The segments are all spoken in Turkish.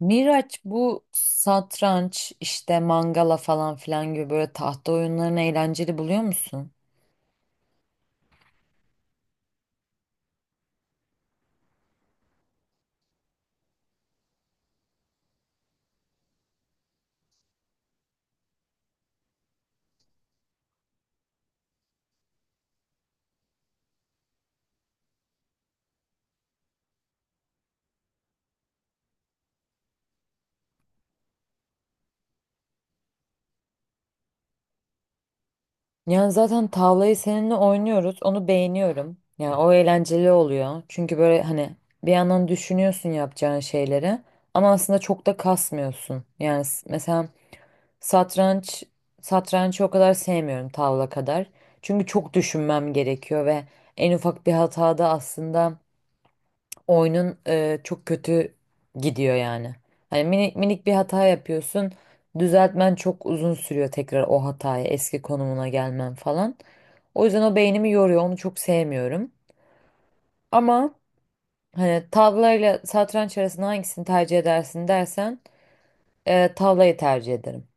Miraç bu satranç işte mangala falan filan gibi böyle tahta oyunlarını eğlenceli buluyor musun? Yani zaten tavlayı seninle oynuyoruz. Onu beğeniyorum. Yani o eğlenceli oluyor. Çünkü böyle hani bir yandan düşünüyorsun yapacağın şeyleri, ama aslında çok da kasmıyorsun. Yani mesela satranç satrançı o kadar sevmiyorum tavla kadar. Çünkü çok düşünmem gerekiyor ve en ufak bir hatada aslında oyunun çok kötü gidiyor yani. Hani minik minik bir hata yapıyorsun. Düzeltmen çok uzun sürüyor tekrar o hataya, eski konumuna gelmen falan. O yüzden o beynimi yoruyor. Onu çok sevmiyorum. Ama hani tavlayla satranç arasında hangisini tercih edersin dersen tavlayı tercih ederim.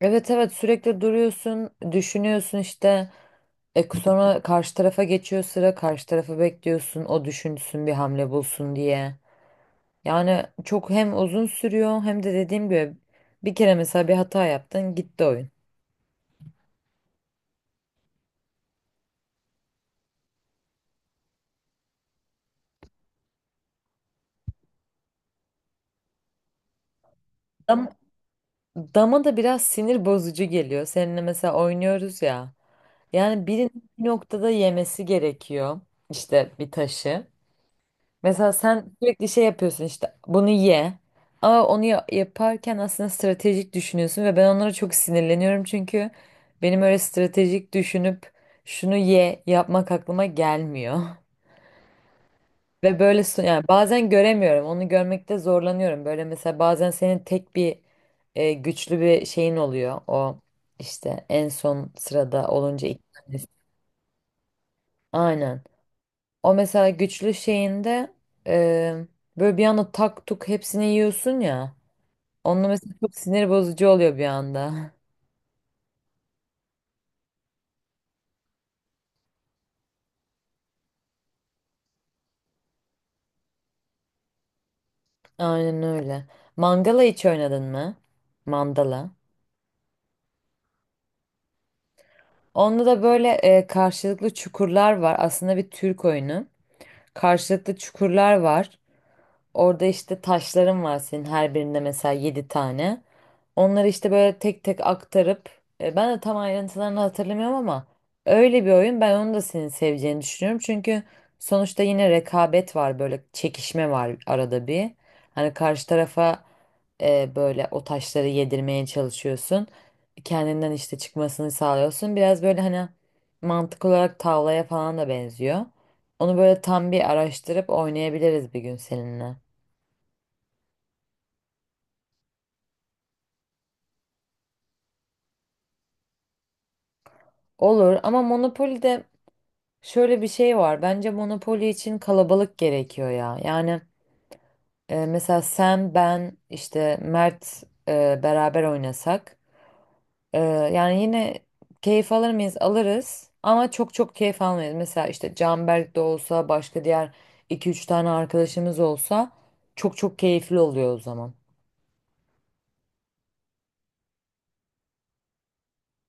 Evet evet, sürekli duruyorsun, düşünüyorsun işte. Sonra karşı tarafa geçiyor sıra, karşı tarafı bekliyorsun, o düşünsün bir hamle bulsun diye. Yani çok hem uzun sürüyor hem de dediğim gibi bir kere mesela bir hata yaptın, gitti oyun. Dam, Dama da biraz sinir bozucu geliyor. Seninle mesela oynuyoruz ya. Yani birinin bir noktada yemesi gerekiyor işte bir taşı. Mesela sen sürekli şey yapıyorsun, işte bunu ye. Ama onu yaparken aslında stratejik düşünüyorsun ve ben onlara çok sinirleniyorum çünkü benim öyle stratejik düşünüp şunu ye yapmak aklıma gelmiyor. Ve böyle yani bazen göremiyorum. Onu görmekte zorlanıyorum. Böyle mesela bazen senin tek bir güçlü bir şeyin oluyor. O işte en son sırada olunca ilk tanesi. Aynen. O mesela güçlü şeyinde e, böyle bir anda tak tuk hepsini yiyorsun ya. Onunla mesela çok sinir bozucu oluyor bir anda. Aynen öyle. Mangala hiç oynadın mı? Mandala. Onda da böyle karşılıklı çukurlar var. Aslında bir Türk oyunu. Karşılıklı çukurlar var. Orada işte taşların var senin, her birinde mesela 7 tane. Onları işte böyle tek tek aktarıp ben de tam ayrıntılarını hatırlamıyorum, ama öyle bir oyun. Ben onu da senin seveceğini düşünüyorum. Çünkü sonuçta yine rekabet var, böyle çekişme var arada bir. Hani karşı tarafa böyle o taşları yedirmeye çalışıyorsun. Kendinden işte çıkmasını sağlıyorsun. Biraz böyle hani mantık olarak tavlaya falan da benziyor. Onu böyle tam bir araştırıp oynayabiliriz bir gün seninle. Olur ama Monopoly'de şöyle bir şey var. Bence Monopoly için kalabalık gerekiyor ya. Yani mesela sen, ben, işte Mert beraber oynasak. e, Yani yine keyif alır mıyız? Alırız. Ama çok çok keyif almayız. Mesela işte Canberk de olsa, başka diğer iki üç tane arkadaşımız olsa çok çok keyifli oluyor o zaman.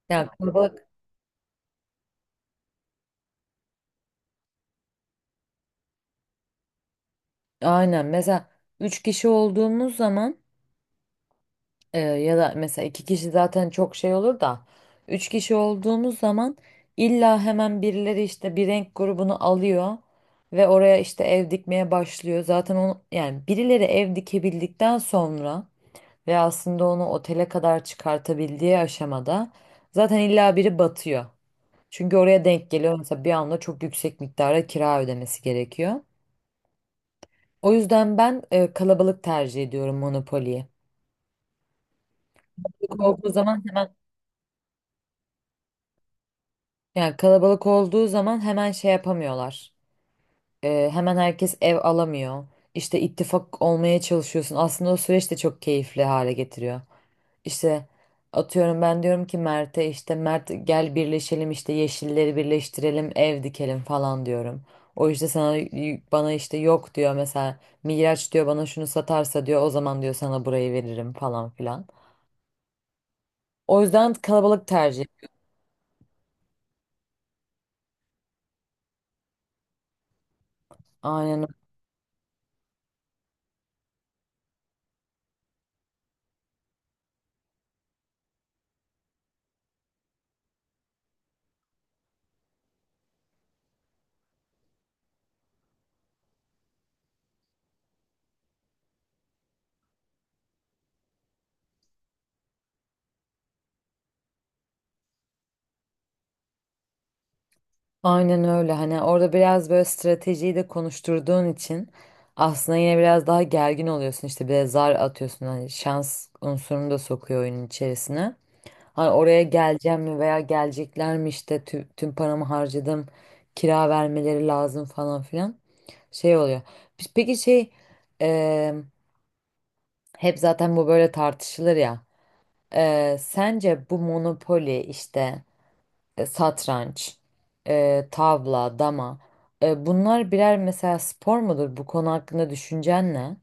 Yani kalabalık. Aynen. Mesela 3 kişi olduğumuz zaman, ya da mesela iki kişi zaten çok şey olur da, üç kişi olduğumuz zaman illa hemen birileri işte bir renk grubunu alıyor ve oraya işte ev dikmeye başlıyor. Zaten onu, yani birileri ev dikebildikten sonra ve aslında onu otele kadar çıkartabildiği aşamada zaten illa biri batıyor. Çünkü oraya denk geliyor, mesela bir anda çok yüksek miktara kira ödemesi gerekiyor. O yüzden ben kalabalık tercih ediyorum Monopoly'yi. Korktuğu zaman hemen, yani kalabalık olduğu zaman hemen şey yapamıyorlar. Hemen herkes ev alamıyor. İşte ittifak olmaya çalışıyorsun. Aslında o süreç de çok keyifli hale getiriyor. İşte atıyorum, ben diyorum ki Mert'e, işte Mert gel birleşelim, işte yeşilleri birleştirelim, ev dikelim falan diyorum. O işte sana, bana işte yok diyor, mesela Miraç diyor bana, şunu satarsa diyor o zaman diyor sana burayı veririm falan filan. O yüzden kalabalık tercih. Aynen. Aynen öyle. Hani orada biraz böyle stratejiyi de konuşturduğun için aslında yine biraz daha gergin oluyorsun. İşte bir de zar atıyorsun. Hani şans unsurunu da sokuyor oyunun içerisine. Hani oraya geleceğim mi veya gelecekler mi, işte tüm paramı harcadım. Kira vermeleri lazım falan filan. Şey oluyor. Peki şey, e, hep zaten bu böyle tartışılır ya. Sence bu Monopoly işte, satranç, tavla, dama. Bunlar birer mesela spor mudur? Bu konu hakkında düşüncen ne?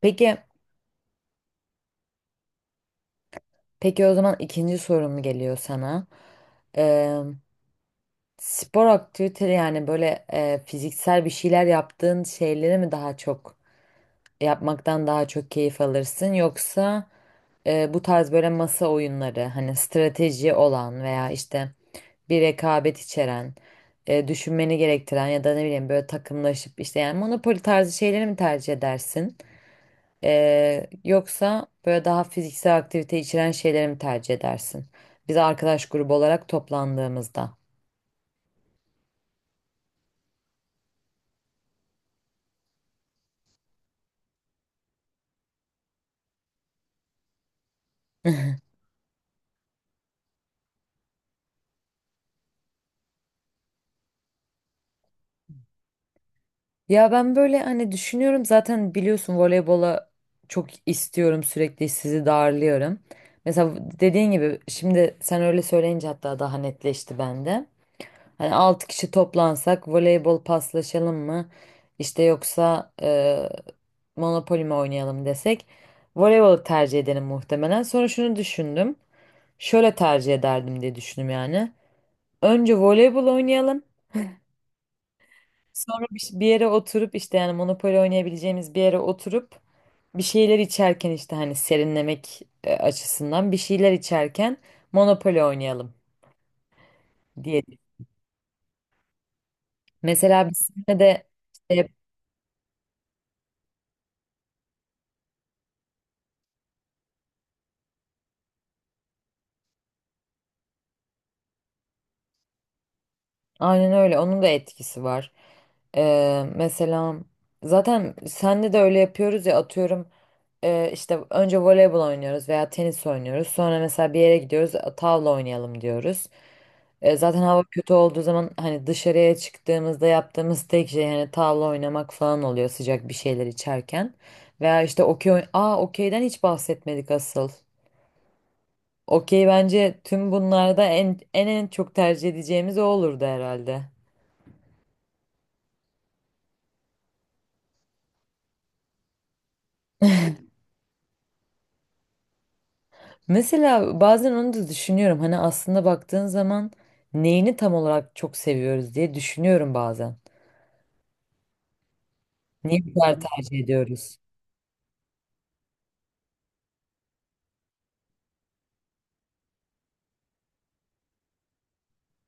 Peki, peki o zaman ikinci sorum geliyor sana. E, Spor aktiviteleri, yani böyle fiziksel bir şeyler yaptığın şeyleri mi daha çok yapmaktan daha çok keyif alırsın, yoksa bu tarz böyle masa oyunları, hani strateji olan veya işte bir rekabet içeren, düşünmeni gerektiren ya da ne bileyim böyle takımlaşıp işte, yani monopoli tarzı şeyleri mi tercih edersin? Yoksa böyle daha fiziksel aktivite içeren şeyleri mi tercih edersin? Biz arkadaş grubu olarak toplandığımızda. Ya ben böyle hani düşünüyorum, zaten biliyorsun voleybola çok istiyorum, sürekli sizi darlıyorum. Mesela dediğin gibi şimdi sen öyle söyleyince hatta daha netleşti bende. Hani 6 kişi toplansak voleybol paslaşalım mı? İşte yoksa Monopoly mi oynayalım desek, voleybolu tercih ederim muhtemelen. Sonra şunu düşündüm. Şöyle tercih ederdim diye düşündüm yani. Önce voleybol oynayalım. Sonra bir yere oturup, işte yani Monopoly oynayabileceğimiz bir yere oturup bir şeyler içerken, işte hani serinlemek açısından bir şeyler içerken Monopoly oynayalım diye. Mesela biz de aynen öyle. Onun da etkisi var. Mesela zaten senle de öyle yapıyoruz ya, atıyorum işte önce voleybol oynuyoruz veya tenis oynuyoruz. Sonra mesela bir yere gidiyoruz, tavla oynayalım diyoruz. Zaten hava kötü olduğu zaman hani dışarıya çıktığımızda yaptığımız tek şey hani tavla oynamak falan oluyor, sıcak bir şeyler içerken. Veya işte Aa, okeyden hiç bahsetmedik asıl. Okey bence tüm bunlarda en en en çok tercih edeceğimiz o olurdu herhalde. Mesela bazen onu da düşünüyorum. Hani aslında baktığın zaman neyini tam olarak çok seviyoruz diye düşünüyorum bazen. Niye bu kadar tercih ediyoruz?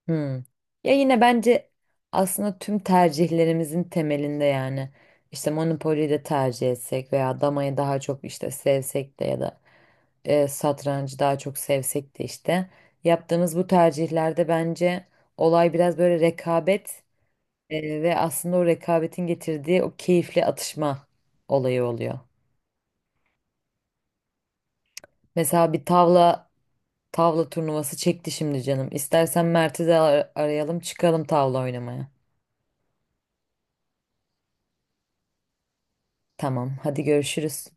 Hmm. Ya yine bence aslında tüm tercihlerimizin temelinde, yani işte Monopoly'yi de tercih etsek veya damayı daha çok işte sevsek de, ya da satrancı daha çok sevsek de, işte yaptığımız bu tercihlerde bence olay biraz böyle rekabet. Ve aslında o rekabetin getirdiği o keyifli atışma olayı oluyor. Mesela bir tavla turnuvası çekti şimdi canım. İstersen Mert'i de arayalım, çıkalım tavla oynamaya. Tamam, hadi görüşürüz.